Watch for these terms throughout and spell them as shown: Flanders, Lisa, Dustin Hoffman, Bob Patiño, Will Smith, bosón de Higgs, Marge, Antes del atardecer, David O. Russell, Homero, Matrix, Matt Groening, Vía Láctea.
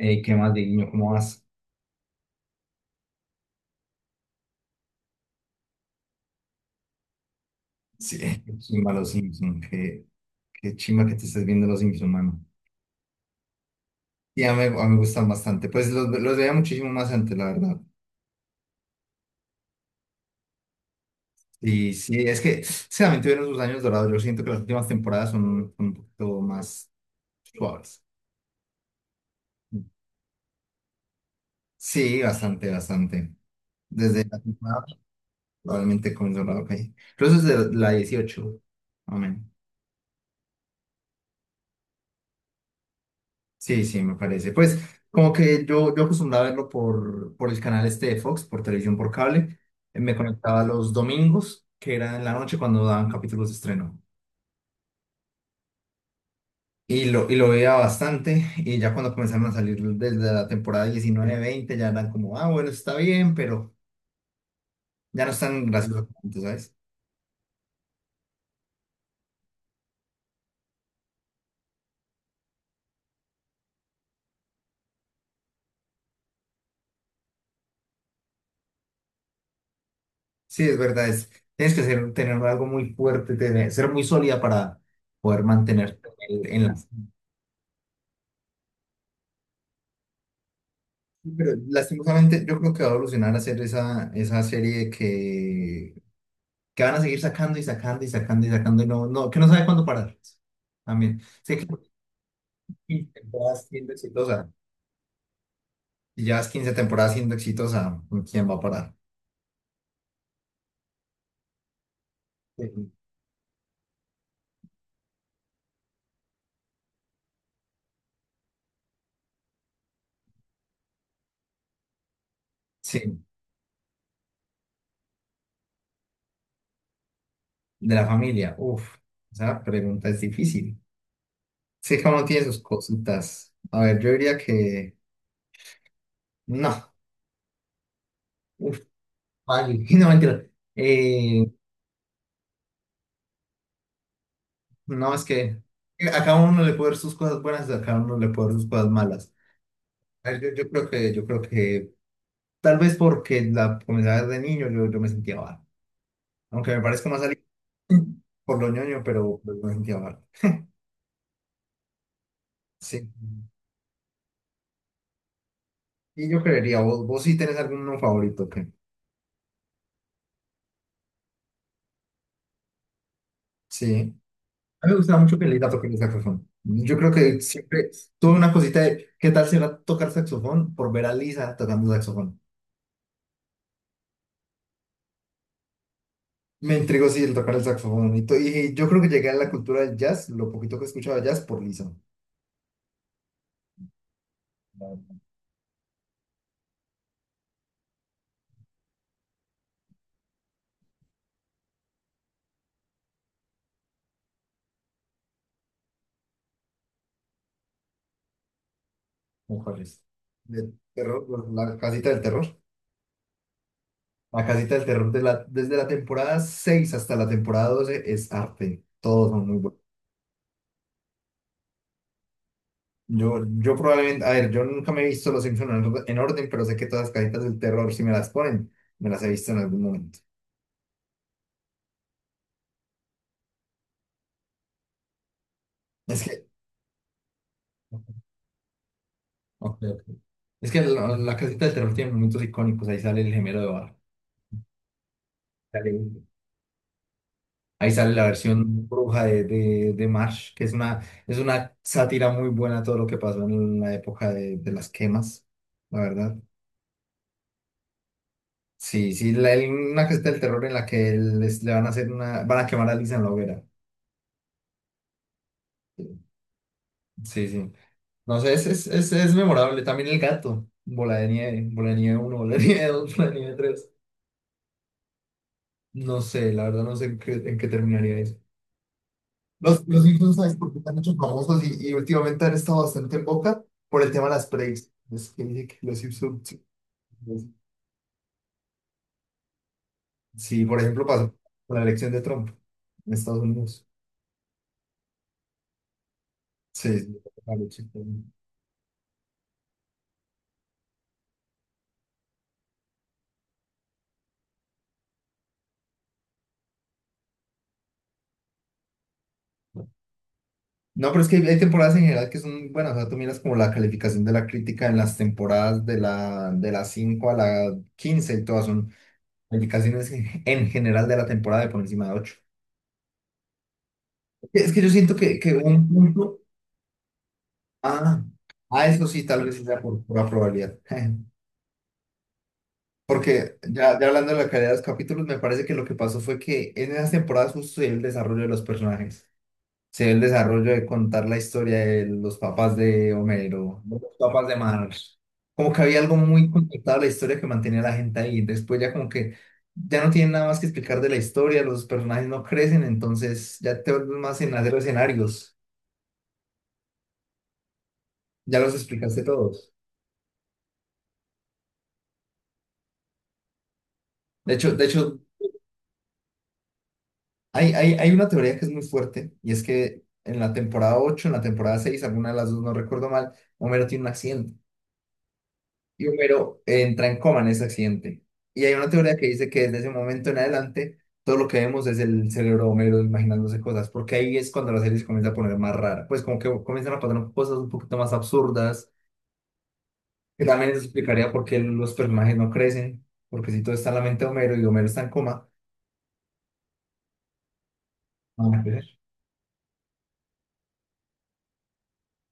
Ey, ¿qué más, niño? ¿Cómo vas? Sí. Qué chimba los Simpson. Qué chimba que te estés viendo los Simpson, mano. Y a mí me gustan bastante. Pues los veía muchísimo más antes, la verdad. Y sí, es que sí, también tuvieron sus años dorados. Yo siento que las últimas temporadas son un poquito más suaves. Sí, bastante, bastante. Desde la temporada, probablemente comenzó la, ok. Incluso desde la 18. Amén. Sí, sí, me parece. Pues como que yo acostumbraba a verlo por el canal este de Fox, por televisión por cable. Me conectaba los domingos, que era en la noche cuando daban capítulos de estreno. Y lo veía bastante. Y ya cuando comenzaron a salir desde la temporada 19, 20, ya eran como: ah, bueno, está bien, pero ya no están graciosos como antes, ¿sabes? Sí, es verdad. Tienes que ser, tener algo muy fuerte, ser muy sólida para poder mantenerte en la... Pero lastimosamente yo creo que va a evolucionar a ser esa serie que van a seguir sacando y sacando y sacando y sacando y no, no, que no sabe cuándo parar. Pues, también. Sé que 15 temporadas siendo exitosa. Si llevas 15 temporadas siendo exitosa, ¿quién va a parar? Sí. Sí, de la familia. Uf, esa pregunta es difícil. Sé que uno tiene sus cositas. A ver, yo diría que no. Uf, vale. No, mentira. Eh, No, es que a cada uno le puede ver sus cosas buenas, a cada uno le puede ver sus cosas malas. A ver, yo creo que tal vez porque la comencé a ver de niño, yo me sentía mal. Aunque me parezca más salir por lo ñoño, pero me sentía mal. Sí. Y yo creería, vos sí tenés alguno favorito, que sí. A mí me gustaba mucho que el toque el saxofón. Yo creo que siempre tuve una cosita de qué tal será tocar saxofón por ver a Lisa tocando saxofón. Me intrigó, sí, el tocar el saxofón. Y yo creo que llegué a la cultura del jazz, lo poquito que escuchaba jazz, por Lisa. La- Mujeres. Del terror, por la casita del terror. La casita del terror de la, desde la temporada 6 hasta la temporada 12 es arte. Todos son muy buenos. Yo probablemente, a ver, yo nunca me he visto Los Simpsons en, en orden, pero sé que todas las casitas del terror, si me las ponen, me las he visto en algún momento. Es que, ok, ok. Es que la casita del terror tiene momentos icónicos. Ahí sale el gemelo de Bar. Ahí sale la versión bruja de Marsh, que es una sátira muy buena a todo lo que pasó en la época de las quemas, la verdad. Sí, sí, una gesta del terror en la que le van a quemar a Lisa en la hoguera. Sí, sí. No sé, es memorable. También el gato, bola de nieve uno, bola de nieve dos, bola de nieve tres. No sé, la verdad no sé en qué terminaría eso. Los Simpsons sabes por qué están hechos famosos y últimamente han estado bastante en boca por el tema de las pregs. Es que dice que los Simpsons, sí, pues, sí, por ejemplo, pasó con la elección de Trump en Estados Unidos. Sí, sí, claro, sí, claro. No, no, pero es que hay temporadas en general que son buenas. O sea, tú miras como la calificación de la crítica en las temporadas de las 5 a la 15 y todas son calificaciones en general de la temporada de por encima de ocho. Es que yo siento que un punto. Ah, ah, eso sí, tal vez sí sea por pura probabilidad. Porque ya hablando de la calidad de los capítulos, me parece que lo que pasó fue que en esas temporadas justo se ve el desarrollo de los personajes. Se ve el desarrollo de contar la historia de los papás de Homero, de los papás de Marge. Como que había algo muy conectado a la historia que mantenía a la gente ahí. Después ya como que ya no tienen nada más que explicar de la historia, los personajes no crecen, entonces ya te vuelves más en hacer escenarios. Ya los explicaste todos. De hecho, hay una teoría que es muy fuerte y es que en la temporada ocho, en la temporada seis, alguna de las dos, no recuerdo mal, Homero tiene un accidente y Homero entra en coma en ese accidente. Y hay una teoría que dice que desde ese momento en adelante todo lo que vemos es el cerebro de Homero imaginándose cosas, porque ahí es cuando la serie se comienza a poner más rara, pues como que comienzan a pasar cosas un poquito más absurdas, que también eso explicaría por qué los personajes no crecen, porque si todo está en la mente de Homero y Homero está en coma, no va a crecer.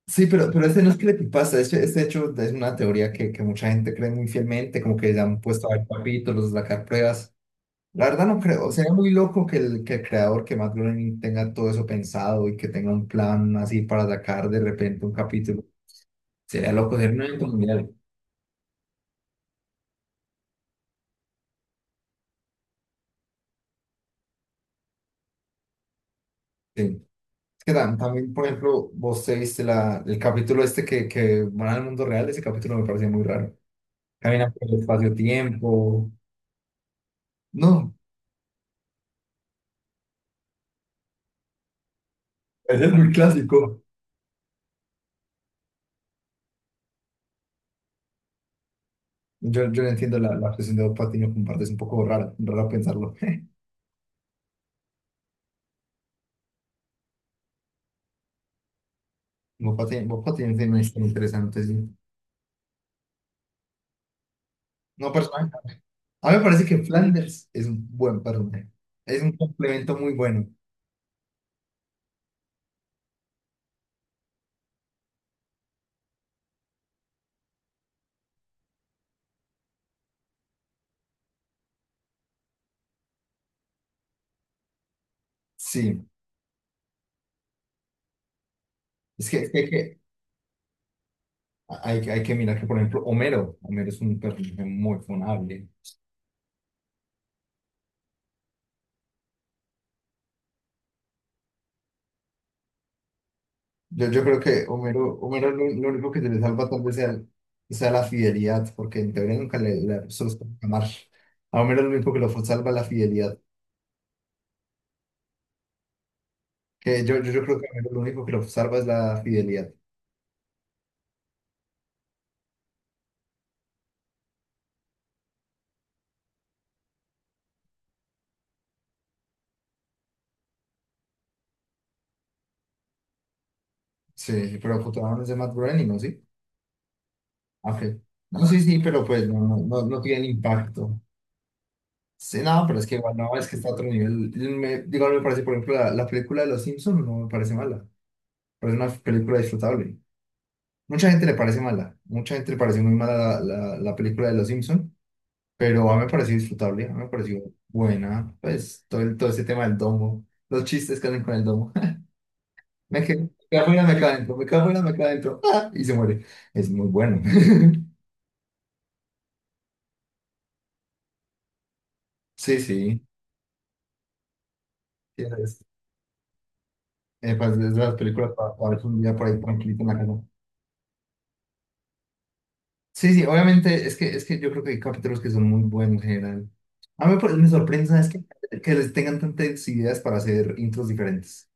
Sí, pero ese no es creepypasta, ese hecho es una teoría que mucha gente cree muy fielmente, como que ya han puesto a ver capítulos, sacar pruebas. La verdad no creo, sería muy loco que el, que Matt Groening tenga todo eso pensado y que tenga un plan así para sacar de repente un capítulo. Sería loco, sería un evento mundial. Sí. Es que también, por ejemplo, vos te viste el capítulo este que van al mundo real, ese capítulo me pareció muy raro. Caminan por el espacio-tiempo. No, ese es muy clásico. Yo no entiendo la obsesión de Bob Patiño con partes, un poco raro raro pensarlo. Bob Patiño, Bob Patiño tiene una historia interesante, sí. No, personaje. A mí me parece que Flanders es un buen personaje. Es un complemento muy bueno. Sí. Es que, hay, que hay que mirar que, por ejemplo, Homero. Homero es un personaje muy funable. Yo creo que Homero, Homero lo único que se le salva tal vez sea la fidelidad, porque en teoría nunca le, se los puede amar. A Homero lo único que lo salva es la fidelidad. Que yo creo que a mí lo único que lo salva es la fidelidad. Sí, pero fotografiaron ese Matt Groening, ¿no? Sí. Ah, ok. No, sí, sí, pero pues no tiene el impacto. Sí, no, pero es que igual no, es que está a otro nivel. Me, digo, no me parece, por ejemplo, la película de Los Simpsons no me parece mala. Pero es una película disfrutable. Mucha gente le parece mala. Mucha gente le parece muy mala la película de Los Simpsons. Pero a mí me pareció disfrutable, a mí me pareció buena. Pues todo, todo ese tema del domo, los chistes que hacen con el domo. Me, me cago y la me calento, me cago y la me calento. ¡Ah! Y se muere. Es muy bueno. Sí, sí. Sí, es, pues, es de las películas para ver un día por ahí tranquilito en la casa. Sí, sí, obviamente es que yo creo que hay capítulos que son muy buenos en general. A mí pues, me sorprende es que les tengan tantas ideas para hacer intros diferentes.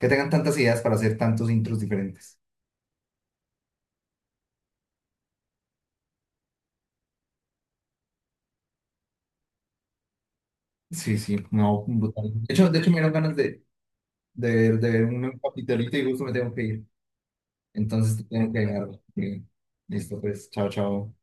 Que tengan tantas ideas para hacer tantos intros diferentes. Sí, sí, no, brutal. De hecho me dieron ganas de, de ver un capitolito y justo me tengo que ir. Entonces te tengo que dejar. Listo, pues, chao, chao.